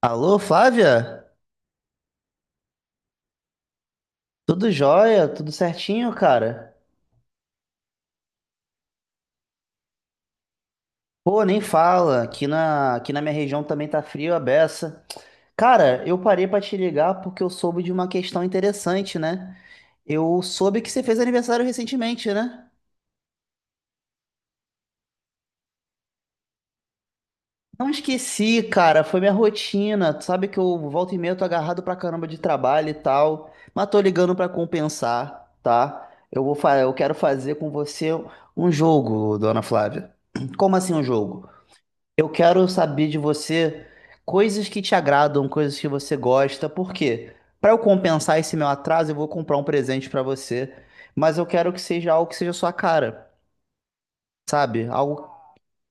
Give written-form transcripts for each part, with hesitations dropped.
Alô, Flávia? Tudo jóia? Tudo certinho, cara? Pô, nem fala. Aqui na minha região também tá frio a beça. Cara, eu parei pra te ligar porque eu soube de uma questão interessante, né? Eu soube que você fez aniversário recentemente, né? Não esqueci, cara, foi minha rotina. Tu sabe que eu volta e meia tô agarrado pra caramba de trabalho e tal, mas tô ligando pra compensar, tá? Eu quero fazer com você um jogo, dona Flávia. Como assim um jogo? Eu quero saber de você coisas que te agradam, coisas que você gosta. Por quê? Para eu compensar esse meu atraso, eu vou comprar um presente para você, mas eu quero que seja algo que seja a sua cara, sabe?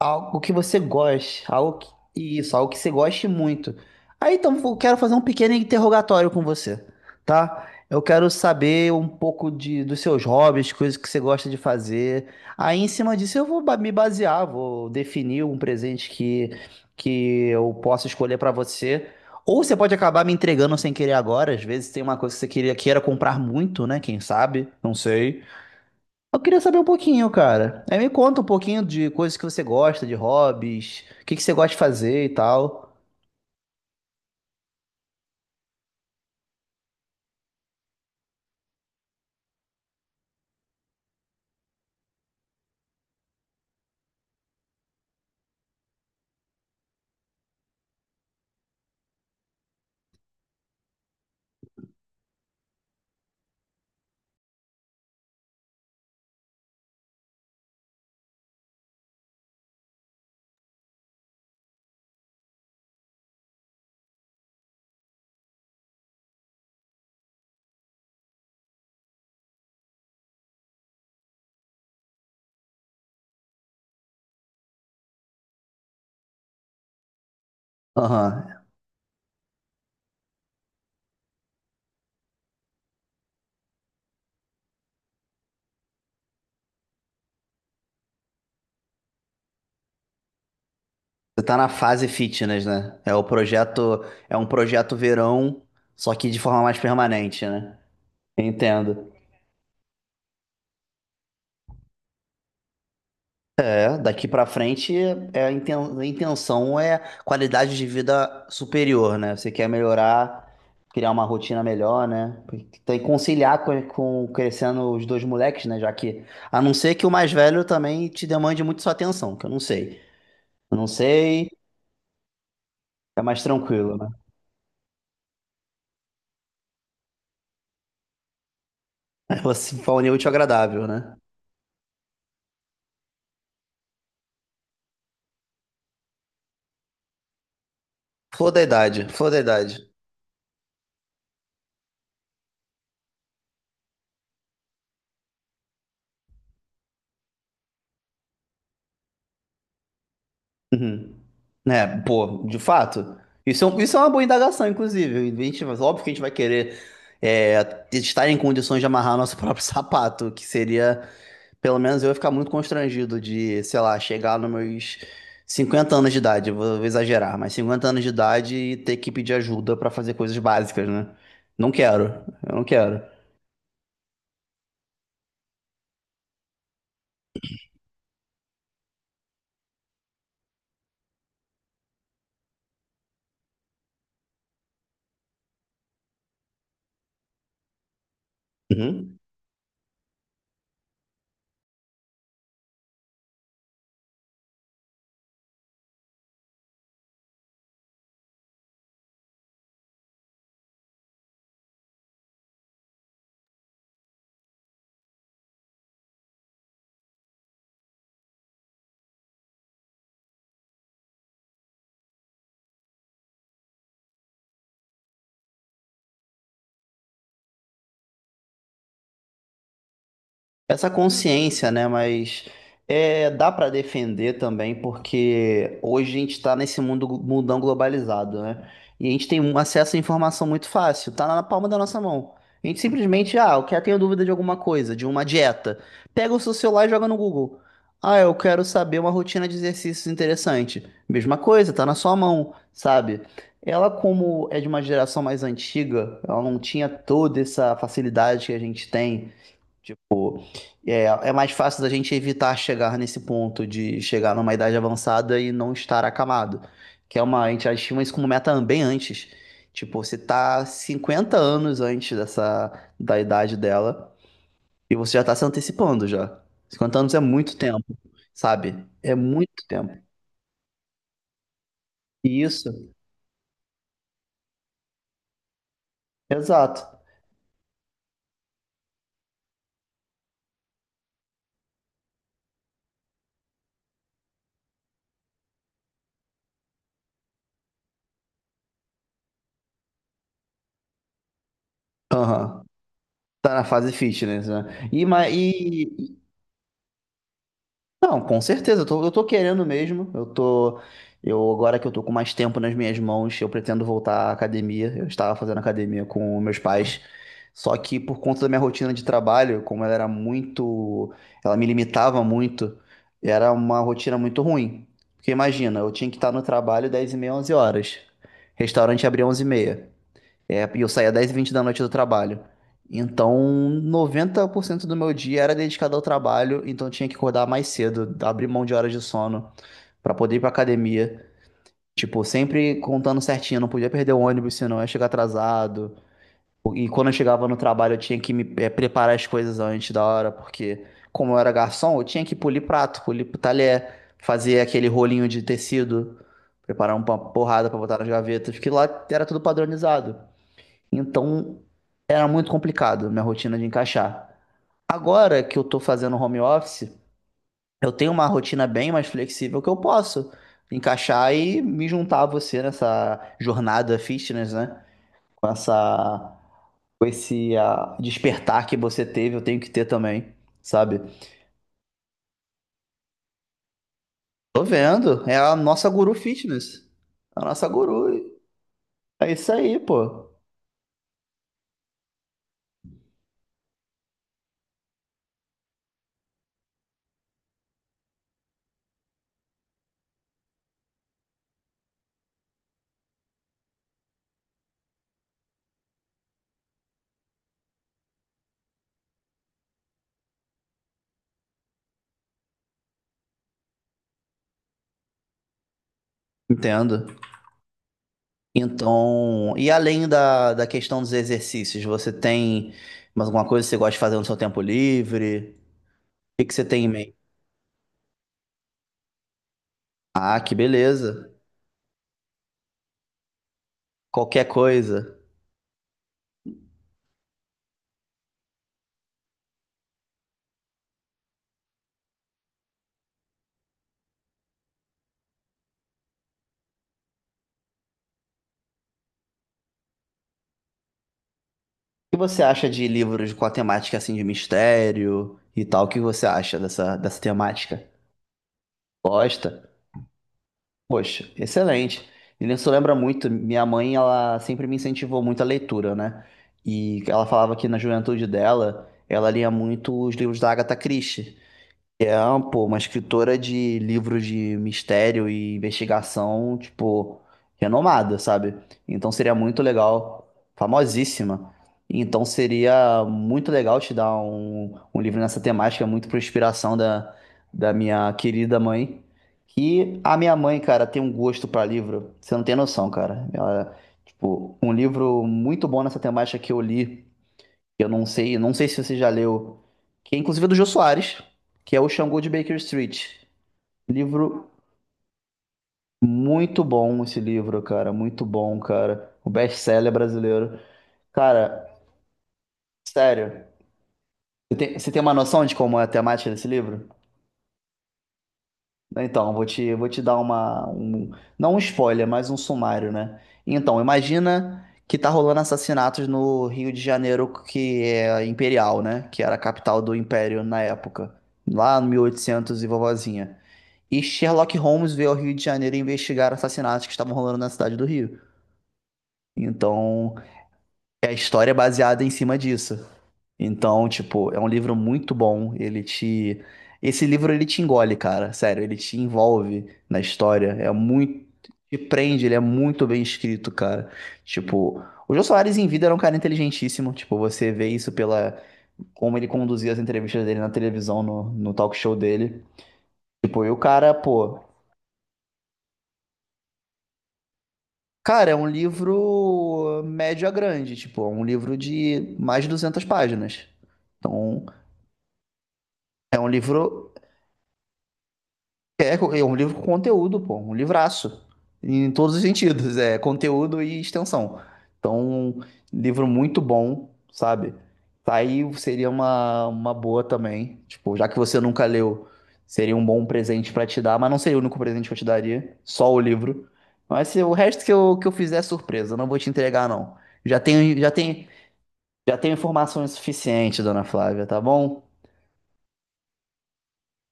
Algo que você goste, algo que você goste muito. Aí então eu quero fazer um pequeno interrogatório com você, tá? Eu quero saber um dos seus hobbies, coisas que você gosta de fazer. Aí em cima disso me basear, vou definir um presente que eu possa escolher pra você. Ou você pode acabar me entregando sem querer agora, às vezes tem uma coisa que você queria, queira comprar muito, né? Quem sabe? Não sei. Eu queria saber um pouquinho, cara. Aí me conta um pouquinho de coisas que você gosta, de hobbies, o que que você gosta de fazer e tal. Aham. Você tá na fase fitness, né? É um projeto verão, só que de forma mais permanente, né? Entendo. Daqui pra frente, a intenção é qualidade de vida superior, né? Você quer melhorar, criar uma rotina melhor, né? Tem que conciliar com crescendo os dois moleques, né? Já que, a não ser que o mais velho também te demande muito sua atenção, que eu não sei. Eu não sei, é mais tranquilo, né? você se um útil e agradável, né? Flor da idade, flor da idade. Uhum. É, pô, de fato. Isso é uma boa indagação, inclusive. A gente, óbvio que a gente vai querer estar em condições de amarrar nosso próprio sapato, que seria, pelo menos eu ia ficar muito constrangido de, sei lá, chegar nos meus 50 anos de idade, eu vou exagerar, mas 50 anos de idade e ter que pedir ajuda pra fazer coisas básicas, né? Não quero, eu não quero. Essa consciência, né? Mas é, dá para defender também, porque hoje a gente está nesse mundo mundão globalizado, né? E a gente tem um acesso à informação muito fácil, tá na palma da nossa mão. A gente simplesmente, ah, eu quero, tenho dúvida de alguma coisa, de uma dieta. Pega o seu celular e joga no Google. Ah, eu quero saber uma rotina de exercícios interessante. Mesma coisa, tá na sua mão, sabe? Ela, como é de uma geração mais antiga, ela não tinha toda essa facilidade que a gente tem. É, é mais fácil da gente evitar chegar nesse ponto de chegar numa idade avançada e não estar acamado. Que é uma, a gente estima isso como meta bem antes. Tipo, você tá 50 anos antes dessa, da idade dela e você já tá se antecipando já. 50 anos é muito tempo, sabe? É muito tempo. E isso, exato. Aham. Tá na fase fitness, né? Não, com certeza, eu tô querendo mesmo. Eu agora que eu tô com mais tempo nas minhas mãos, eu pretendo voltar à academia. Eu estava fazendo academia com meus pais, só que por conta da minha rotina de trabalho, como ela era muito, ela me limitava muito, era uma rotina muito ruim. Porque imagina, eu tinha que estar no trabalho 10:30, 11 horas. Restaurante abria 11:30. É, e eu saía 10:20 da noite do trabalho. Então, 90% do meu dia era dedicado ao trabalho, então eu tinha que acordar mais cedo, abrir mão de horas de sono pra poder ir pra academia. Tipo, sempre contando certinho, não podia perder o ônibus, senão eu ia chegar atrasado. E quando eu chegava no trabalho, eu tinha que me preparar as coisas antes da hora, porque como eu era garçom, eu tinha que polir prato, polir talher, fazer aquele rolinho de tecido, preparar uma porrada pra botar nas gavetas, que lá era tudo padronizado. Então era muito complicado minha rotina de encaixar. Agora que eu tô fazendo home office, eu tenho uma rotina bem mais flexível que eu posso encaixar e me juntar a você nessa jornada fitness, né? Com essa, com esse despertar que você teve, eu tenho que ter também, sabe? Tô vendo, é a nossa guru fitness. É a nossa guru. É isso aí, pô. Entendo. Então, e além da questão dos exercícios, você tem mais alguma coisa que você gosta de fazer no seu tempo livre? O que que você tem em mente? Ah, que beleza. Qualquer coisa. O que você acha de livros com a temática assim de mistério e tal? O que você acha dessa temática? Gosta? Poxa, excelente. E isso lembra muito, minha mãe, ela sempre me incentivou muito a leitura, né? E ela falava que na juventude dela, ela lia muito os livros da Agatha Christie. É, pô, uma escritora de livros de mistério e investigação, tipo, renomada, sabe? Então seria muito legal, famosíssima. Então seria muito legal te dar um livro nessa temática, muito por inspiração da minha querida mãe. Que a minha mãe, cara, tem um gosto pra livro, você não tem noção, cara. Ela, tipo, um livro muito bom nessa temática que eu li. Eu não sei, não sei se você já leu, que é inclusive é do Jô Soares, que é o Xangô de Baker Street. Livro muito bom esse livro, cara, muito bom, cara. O best-seller brasileiro. Cara, sério, você tem uma noção de como é a temática desse livro? Então, vou te dar não um spoiler, mas um sumário, né? Então, imagina que tá rolando assassinatos no Rio de Janeiro, que é imperial, né? Que era a capital do império na época, lá no 1800 e oitocentos e vovozinha. E Sherlock Holmes veio ao Rio de Janeiro investigar assassinatos que estavam rolando na cidade do Rio. Então, é a história é baseada em cima disso. Então, tipo, é um livro muito bom. Ele te. Esse livro ele te engole, cara. Sério, ele te envolve na história. É muito. Te prende, ele é muito bem escrito, cara. Tipo, o Jô Soares em vida era um cara inteligentíssimo. Tipo, você vê isso pela. Como ele conduzia as entrevistas dele na televisão, no talk show dele. Tipo, e o cara, pô. Cara, é um livro médio a grande. Tipo, é um livro de mais de 200 páginas. Então, é um livro. É um livro com conteúdo, pô, um livraço, em todos os sentidos, é conteúdo e extensão. Então, um livro muito bom, sabe? Tá Aí seria uma boa também, tipo, já que você nunca leu, seria um bom presente pra te dar, mas não seria o único presente que eu te daria, só o livro. Mas se o resto que eu fizer é surpresa, eu não vou te entregar, não. Já tenho, já tenho, já tenho informações suficientes, dona Flávia, tá bom?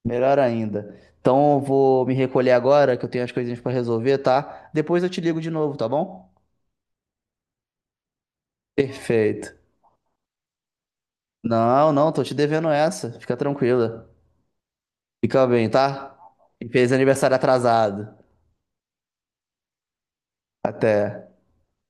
Melhor ainda. Então eu vou me recolher agora, que eu tenho as coisinhas pra resolver, tá? Depois eu te ligo de novo, tá bom? Perfeito. Não, não, tô te devendo essa. Fica tranquila. Fica bem, tá? E fez aniversário atrasado. Até.